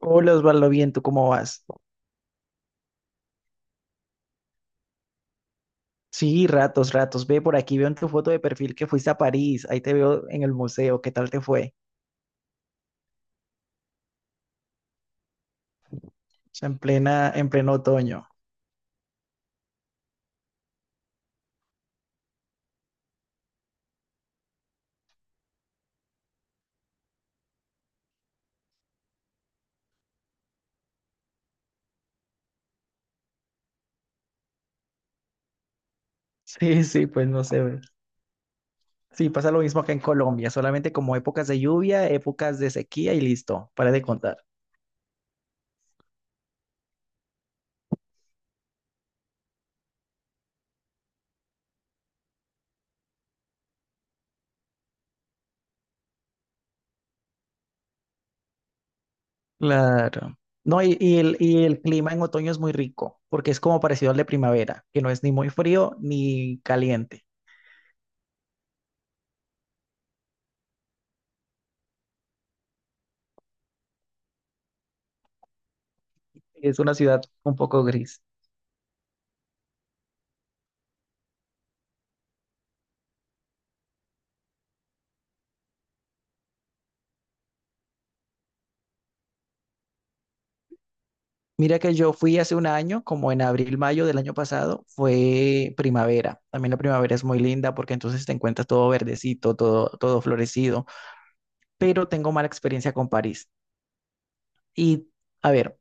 Hola Osvaldo, bien, ¿tú cómo vas? Sí, ratos, ratos. Ve por aquí, veo en tu foto de perfil que fuiste a París. Ahí te veo en el museo. ¿Qué tal te fue? En pleno otoño. Sí, sí, pues no sé. Ve. Sí, pasa lo mismo que en Colombia, solamente como épocas de lluvia, épocas de sequía y listo, para de contar. Claro. No, y el clima en otoño es muy rico, porque es como parecido al de primavera, que no es ni muy frío ni caliente. Es una ciudad un poco gris. Mira que yo fui hace un año, como en abril, mayo del año pasado, fue primavera. También la primavera es muy linda porque entonces te encuentras todo verdecito, todo, todo florecido, pero tengo mala experiencia con París. Y a ver,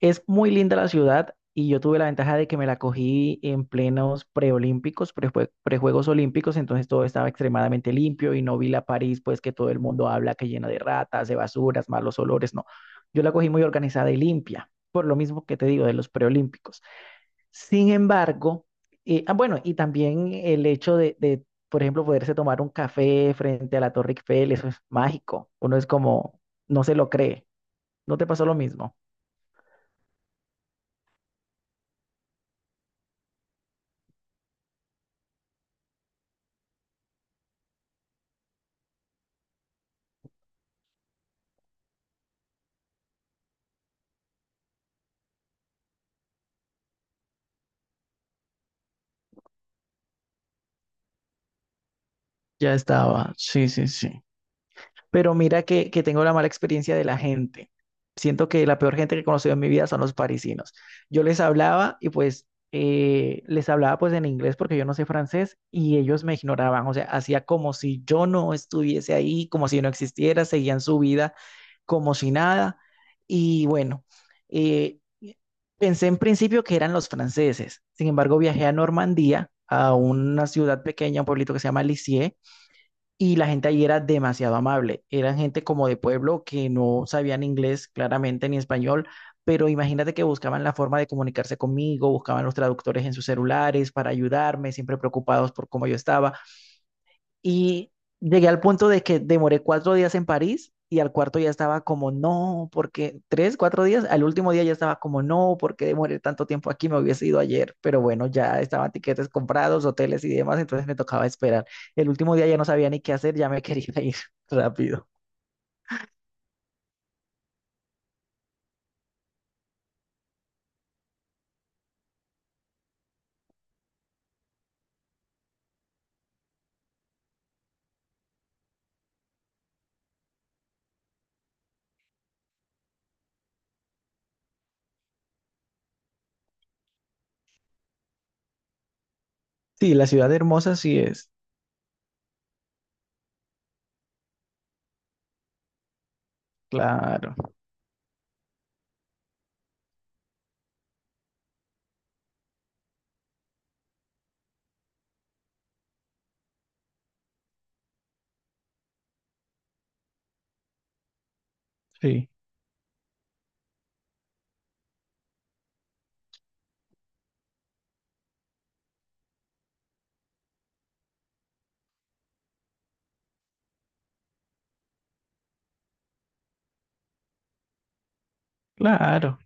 es muy linda la ciudad y yo tuve la ventaja de que me la cogí en plenos preolímpicos, prejuegos olímpicos, entonces todo estaba extremadamente limpio y no vi la París, pues que todo el mundo habla que llena de ratas, de basuras, malos olores, no. Yo la cogí muy organizada y limpia, por lo mismo que te digo de los preolímpicos. Sin embargo, ah, bueno, y también el hecho por ejemplo, poderse tomar un café frente a la Torre Eiffel, eso es mágico. Uno es como, no se lo cree. ¿No te pasó lo mismo? Ya estaba, sí, sí, sí. Pero mira que tengo la mala experiencia de la gente. Siento que la peor gente que he conocido en mi vida son los parisinos. Yo les hablaba y pues les hablaba pues en inglés porque yo no sé francés y ellos me ignoraban. O sea, hacía como si yo no estuviese ahí, como si no existiera, seguían su vida como si nada. Y bueno, eh, pensé en principio que eran los franceses. Sin embargo, viajé a Normandía, a una ciudad pequeña, un pueblito que se llama Lisieux y la gente allí era demasiado amable. Eran gente como de pueblo que no sabían inglés claramente ni español, pero imagínate que buscaban la forma de comunicarse conmigo, buscaban los traductores en sus celulares para ayudarme, siempre preocupados por cómo yo estaba. Y llegué al punto de que demoré 4 días en París y al cuarto ya estaba como, no, porque tres, cuatro días, al último día ya estaba como, no, porque demoré tanto tiempo aquí, me hubiese ido ayer, pero bueno, ya estaban tiquetes comprados, hoteles y demás, entonces me tocaba esperar. El último día ya no sabía ni qué hacer, ya me quería ir rápido. Sí, la ciudad hermosa sí es. Claro, sí, claro.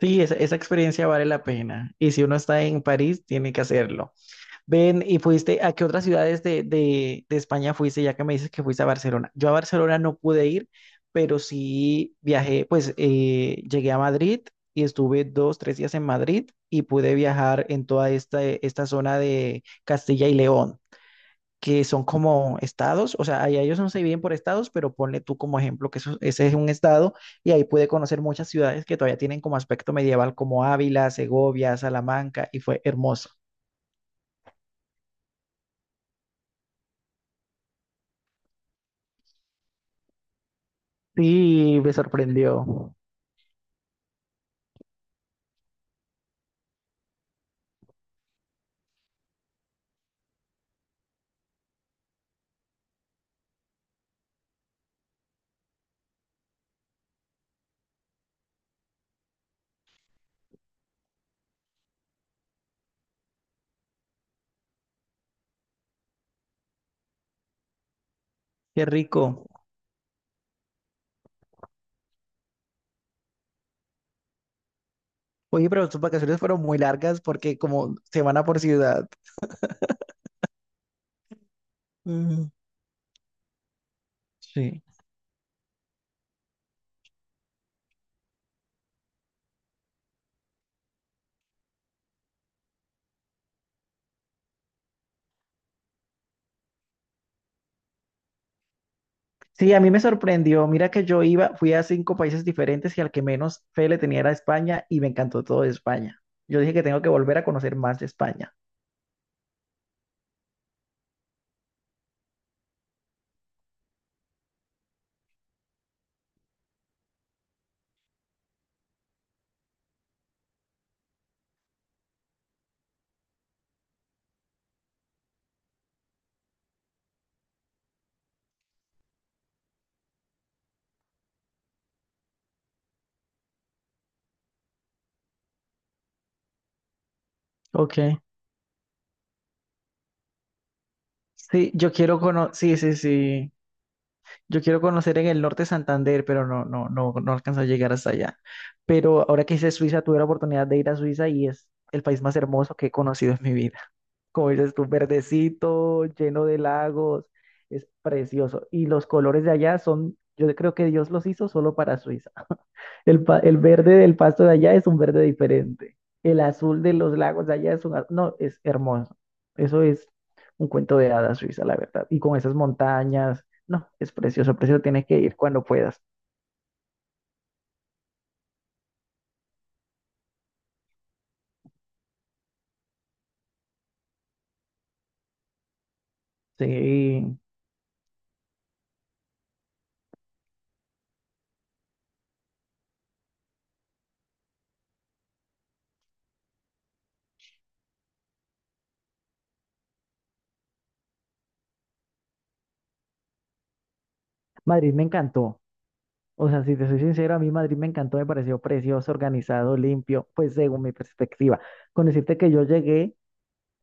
Sí, esa experiencia vale la pena. Y si uno está en París, tiene que hacerlo. Ven, ¿y fuiste a qué otras ciudades de España fuiste, ya que me dices que fuiste a Barcelona? Yo a Barcelona no pude ir, pero sí viajé, pues llegué a Madrid y estuve dos, tres días en Madrid y pude viajar en toda esta zona de Castilla y León, que son como estados, o sea, allá ellos no se dividen por estados, pero ponle tú como ejemplo que ese es un estado y ahí pude conocer muchas ciudades que todavía tienen como aspecto medieval, como Ávila, Segovia, Salamanca, y fue hermoso. Sí, me sorprendió. Qué rico. Oye, pero tus vacaciones fueron muy largas porque como semana por ciudad. Mm, sí. Sí, a mí me sorprendió. Mira que yo iba, fui a cinco países diferentes y al que menos fe le tenía era a España y me encantó todo de España. Yo dije que tengo que volver a conocer más de España. Ok. Sí, yo quiero conocer, sí, sí, sí. Yo quiero conocer en el norte Santander, pero no, no, no, no alcanzó a llegar hasta allá. Pero ahora que hice Suiza, tuve la oportunidad de ir a Suiza y es el país más hermoso que he conocido en mi vida. Como dices tú, verdecito, lleno de lagos, es precioso. Y los colores de allá son, yo creo que Dios los hizo solo para Suiza. El verde del pasto de allá es un verde diferente. El azul de los lagos de allá es un, no, es hermoso. Eso es un cuento de hadas Suiza, la verdad. Y con esas montañas, no, es precioso, precioso, tienes que ir cuando puedas. Sí, Madrid me encantó. O sea, si te soy sincero, a mí Madrid me encantó, me pareció precioso, organizado, limpio, pues según mi perspectiva. Con decirte que yo llegué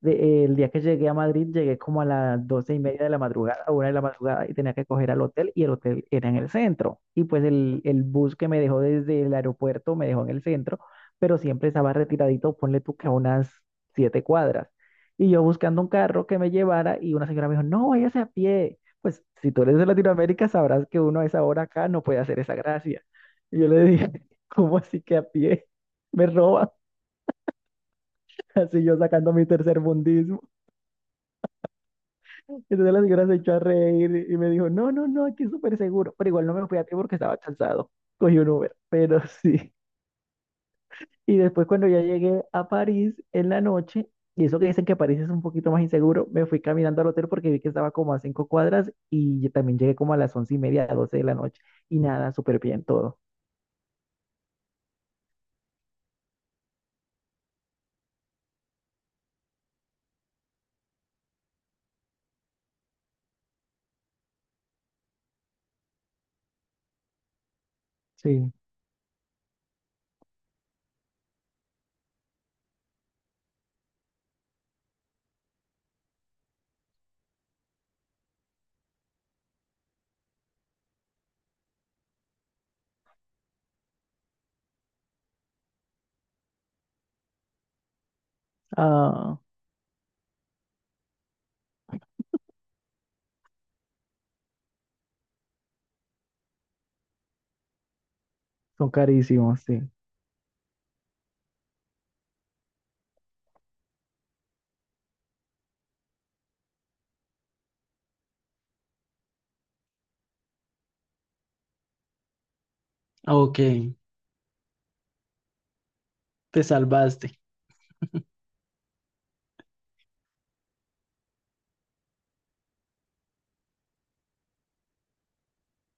el día que llegué a Madrid, llegué como a las 12:30 de la madrugada, a 1:00 de la madrugada, y tenía que coger al hotel, y el hotel era en el centro. Y pues el bus que me dejó desde el aeropuerto me dejó en el centro, pero siempre estaba retiradito, ponle tú que a unas 7 cuadras. Y yo buscando un carro que me llevara, y una señora me dijo, no, váyase a pie. Pues si tú eres de Latinoamérica, sabrás que uno a esa hora acá no puede hacer esa gracia. Y yo le dije, ¿cómo así que a pie? Me roban. Así yo sacando mi tercer mundismo. Entonces la señora se echó a reír y me dijo, no, no, no, aquí es súper seguro. Pero igual no me fui a tiempo porque estaba cansado. Cogí un Uber, pero sí. Y después cuando ya llegué a París en la noche, y eso que dicen que París es un poquito más inseguro, me fui caminando al hotel porque vi que estaba como a 5 cuadras y yo también llegué como a las 11:30, a 12:00 de la noche. Y nada, súper bien todo. Sí. Ah, son carísimos, sí. Ok, te salvaste.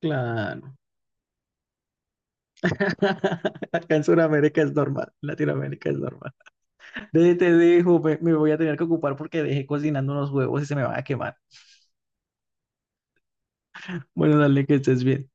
Claro. Acá en Sudamérica es normal, Latinoamérica es normal. Te dejo, me voy a tener que ocupar porque dejé cocinando unos huevos y se me van a quemar. Bueno, dale, que estés bien.